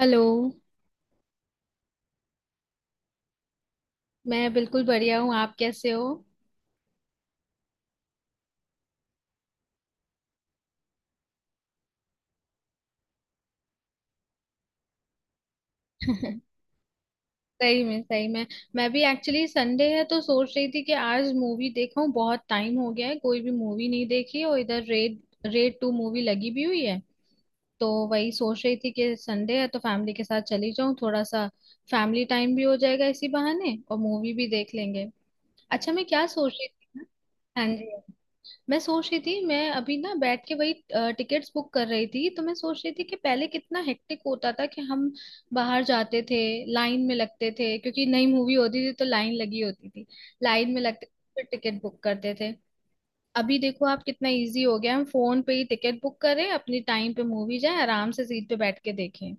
Hello. मैं बिल्कुल बढ़िया हूँ, आप कैसे हो? सही में, सही में। मैं भी एक्चुअली संडे है तो सोच रही थी कि आज मूवी देखूं, बहुत टाइम हो गया है, कोई भी मूवी नहीं देखी और इधर रेड रेड टू मूवी लगी भी हुई है। तो वही सोच रही थी कि संडे है तो फैमिली के साथ चली जाऊं, थोड़ा सा फैमिली टाइम भी हो जाएगा इसी बहाने और मूवी भी देख लेंगे। अच्छा, मैं क्या सोच रही थी ना। हाँ जी। मैं सोच रही थी मैं अभी ना बैठ के वही टिकट्स बुक कर रही थी, तो मैं सोच रही थी कि पहले कितना हेक्टिक होता था कि हम बाहर जाते थे, लाइन में लगते थे क्योंकि नई मूवी होती थी तो लाइन लगी होती थी, लाइन में लगते थे, फिर टिकट बुक करते थे। अभी देखो आप कितना इजी हो गया, हम फोन पे ही टिकट बुक करें अपनी टाइम पे, मूवी जाए आराम से सीट पे बैठ के देखें।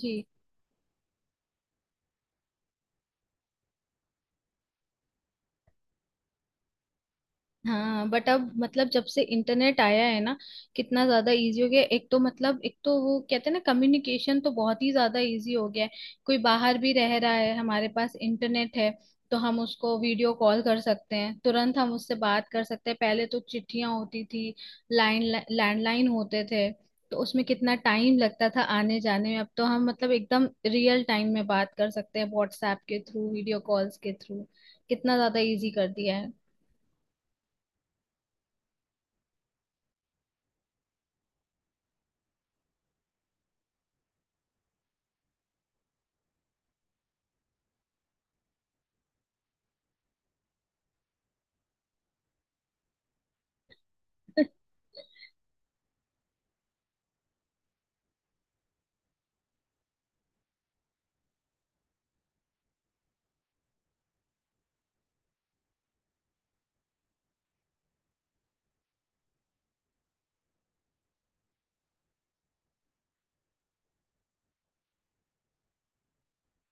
जी। हाँ, बट अब मतलब जब से इंटरनेट आया है ना, कितना ज्यादा इजी हो गया है। एक तो मतलब एक तो वो कहते हैं ना कम्युनिकेशन तो बहुत ही ज्यादा इजी हो गया है। कोई बाहर भी रह रहा है, हमारे पास इंटरनेट है तो हम उसको वीडियो कॉल कर सकते हैं, तुरंत हम उससे बात कर सकते हैं। पहले तो चिट्ठियां होती थी, लाइन लैंडलाइन होते थे, तो उसमें कितना टाइम लगता था आने जाने में। अब तो हम मतलब एकदम रियल टाइम में बात कर सकते हैं व्हाट्सएप के थ्रू, वीडियो कॉल्स के थ्रू। कितना ज्यादा इजी कर दिया है।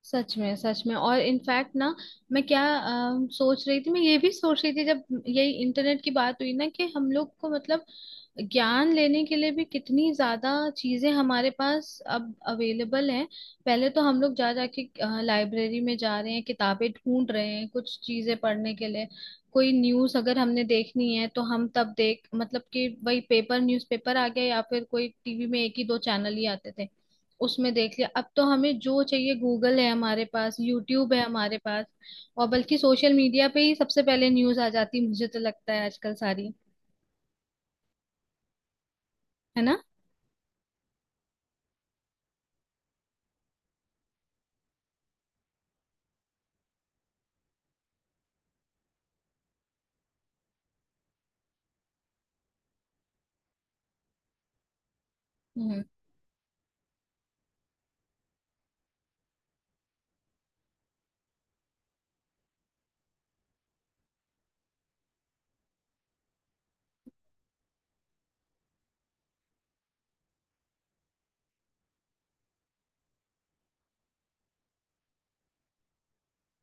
सच में, सच में। और इनफैक्ट ना, मैं क्या सोच रही थी, मैं ये भी सोच रही थी जब यही इंटरनेट की बात हुई ना कि हम लोग को मतलब ज्ञान लेने के लिए भी कितनी ज्यादा चीजें हमारे पास अब अवेलेबल हैं। पहले तो हम लोग जा जाके लाइब्रेरी में जा रहे हैं, किताबें ढूंढ रहे हैं कुछ चीजें पढ़ने के लिए। कोई न्यूज अगर हमने देखनी है तो हम तब देख मतलब कि वही पेपर न्यूज़पेपर आ गया या फिर कोई टीवी में एक ही दो चैनल ही आते थे, उसमें देख लिया। अब तो हमें जो चाहिए गूगल है हमारे पास, यूट्यूब है हमारे पास और बल्कि सोशल मीडिया पे ही सबसे पहले न्यूज आ जाती है, मुझे तो लगता है आजकल सारी, है ना। हम्म।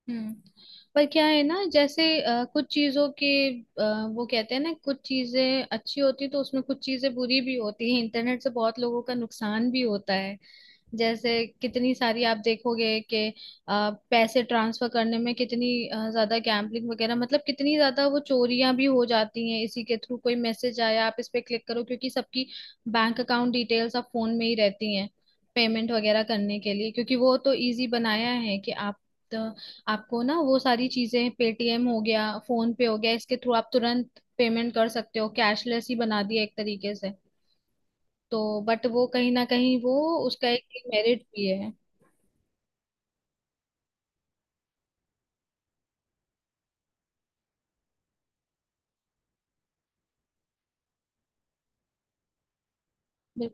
हम्म। पर क्या है ना, जैसे कुछ चीजों के वो कहते हैं ना कुछ चीजें अच्छी होती तो उसमें कुछ चीजें बुरी भी होती है। इंटरनेट से बहुत लोगों का नुकसान भी होता है। जैसे कितनी सारी आप देखोगे कि पैसे ट्रांसफर करने में कितनी ज्यादा गैम्बलिंग वगैरह मतलब कितनी ज्यादा वो चोरियां भी हो जाती हैं इसी के थ्रू। कोई मैसेज आया आप इस पे क्लिक करो, क्योंकि सबकी बैंक अकाउंट डिटेल्स अब फोन में ही रहती हैं पेमेंट वगैरह करने के लिए। क्योंकि वो तो इजी बनाया है कि आप, तो आपको ना वो सारी चीजें पेटीएम हो गया, फोन पे हो गया, इसके थ्रू आप तुरंत पेमेंट कर सकते हो, कैशलेस ही बना दिया एक तरीके से। तो बट वो कहीं ना कहीं वो उसका एक मेरिट भी है। बिल-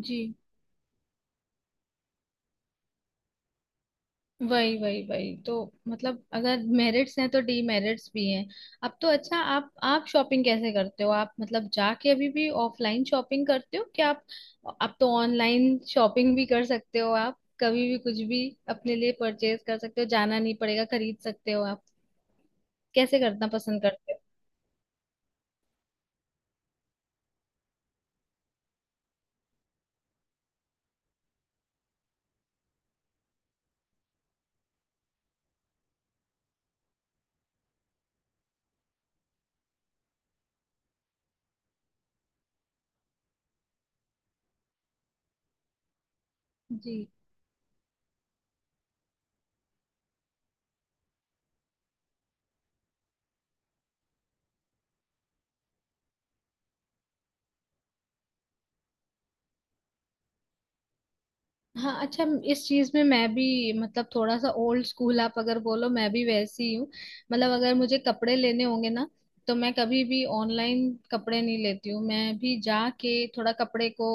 जी। वही, वही, वही तो। मतलब अगर मेरिट्स हैं तो डीमेरिट्स भी हैं। अब तो अच्छा, आप शॉपिंग कैसे करते हो? आप मतलब जाके अभी भी ऑफलाइन शॉपिंग करते हो क्या आप? आप तो ऑनलाइन शॉपिंग भी कर सकते हो, आप कभी भी कुछ भी अपने लिए परचेज कर सकते हो, जाना नहीं पड़ेगा खरीद सकते हो आप। कैसे करना पसंद करते हो? जी, हाँ अच्छा। इस चीज में मैं भी मतलब थोड़ा सा ओल्ड स्कूल, आप अगर बोलो, मैं भी वैसी ही हूँ। मतलब अगर मुझे कपड़े लेने होंगे ना, तो मैं कभी भी ऑनलाइन कपड़े नहीं लेती हूँ, मैं भी जाके थोड़ा कपड़े को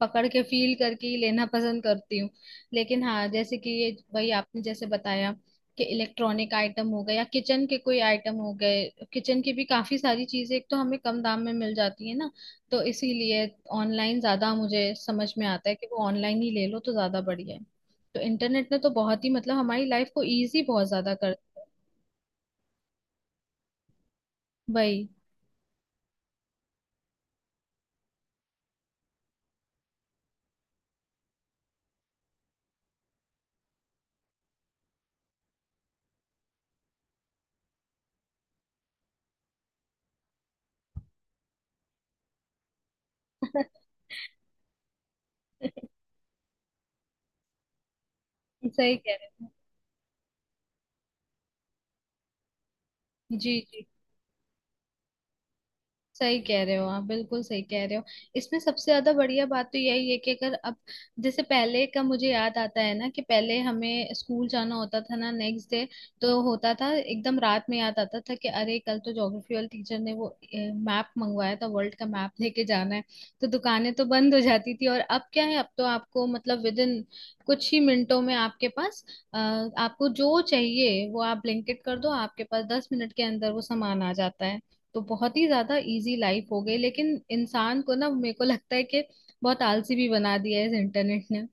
पकड़ के फील करके ही लेना पसंद करती हूँ। लेकिन हाँ, जैसे कि ये वही आपने जैसे बताया कि इलेक्ट्रॉनिक आइटम हो गए या किचन के कोई आइटम हो गए, किचन की भी काफी सारी चीजें, एक तो हमें कम दाम में मिल जाती है ना, तो इसीलिए ऑनलाइन ज्यादा मुझे समझ में आता है कि वो ऑनलाइन ही ले लो तो ज्यादा बढ़िया है। तो इंटरनेट ने तो बहुत ही मतलब हमारी लाइफ को इजी बहुत ज्यादा कर दिया है। वही। सही कह रहे हैं। जी, जी। सही कह रहे हो आप, बिल्कुल सही कह रहे हो। इसमें सबसे ज्यादा बढ़िया बात तो यही है कि अगर अब जैसे, पहले का मुझे याद आता है ना कि पहले हमें स्कूल जाना होता था ना नेक्स्ट डे, तो होता था एकदम रात में याद आता था कि अरे कल तो ज्योग्राफी वाले टीचर ने वो मैप मंगवाया था, वर्ल्ड का मैप लेके जाना है। तो दुकानें तो बंद हो जाती थी। और अब क्या है, अब तो आपको मतलब विद इन कुछ ही मिनटों में आपके पास आपको जो चाहिए वो आप ब्लिंकिट कर दो, आपके पास 10 मिनट के अंदर वो सामान आ जाता है। तो बहुत ही ज्यादा इजी लाइफ हो गई, लेकिन इंसान को ना मेरे को लगता है कि बहुत आलसी भी बना दिया है इस इंटरनेट ने।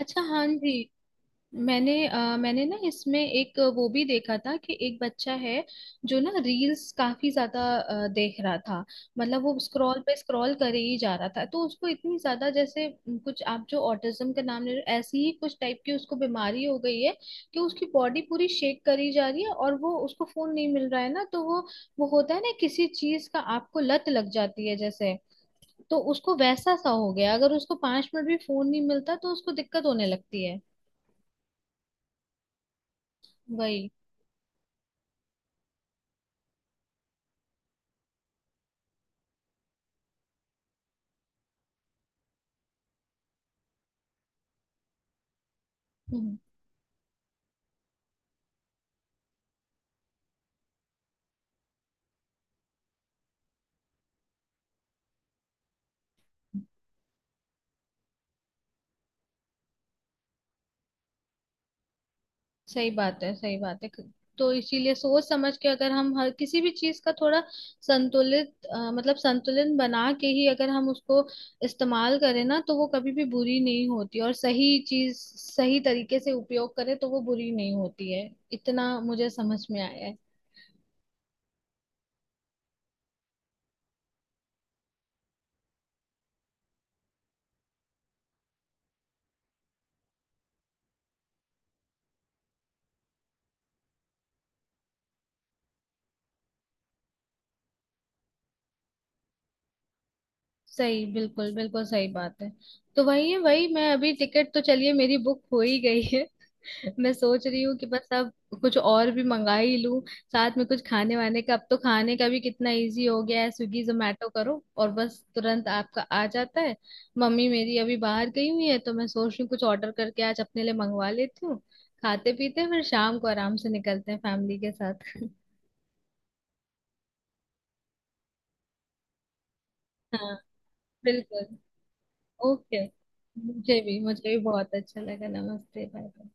अच्छा, हाँ जी। मैंने मैंने ना इसमें एक वो भी देखा था कि एक बच्चा है जो ना रील्स काफी ज्यादा देख रहा था, मतलब वो स्क्रॉल पे स्क्रॉल करे ही जा रहा था, तो उसको इतनी ज्यादा जैसे कुछ आप जो ऑटिज्म का नाम ले रहे हो ऐसी ही कुछ टाइप की उसको बीमारी हो गई है कि उसकी बॉडी पूरी शेक करी जा रही है और वो, उसको फोन नहीं मिल रहा है ना तो वो होता है ना किसी चीज का आपको लत लग जाती है जैसे, तो उसको वैसा सा हो गया। अगर उसको 5 मिनट भी फोन नहीं मिलता तो उसको दिक्कत होने लगती है। वही। हम्म। सही बात है, सही बात है। तो इसीलिए सोच समझ के अगर हम हर किसी भी चीज का थोड़ा संतुलित अ, मतलब संतुलन बना के ही अगर हम उसको इस्तेमाल करें ना तो वो कभी भी बुरी नहीं होती, और सही चीज सही तरीके से उपयोग करें तो वो बुरी नहीं होती है, इतना मुझे समझ में आया है। सही, बिल्कुल बिल्कुल सही बात है। तो वही है, वही मैं अभी टिकट तो चलिए मेरी बुक हो ही गई है, मैं सोच रही हूँ कि बस अब कुछ और भी मंगा ही लूं साथ में, कुछ खाने वाने का। अब तो खाने का भी कितना इजी हो गया है, स्विगी जोमेटो करो और बस तुरंत आपका आ जाता है। मम्मी मेरी अभी बाहर गई हुई है तो मैं सोच रही हूँ कुछ ऑर्डर करके आज अपने लिए मंगवा लेती हूँ, खाते पीते हैं, फिर शाम को आराम से निकलते हैं फैमिली के साथ। हाँ, बिल्कुल। ओके, मुझे भी, मुझे भी बहुत अच्छा लगा। नमस्ते, बाय।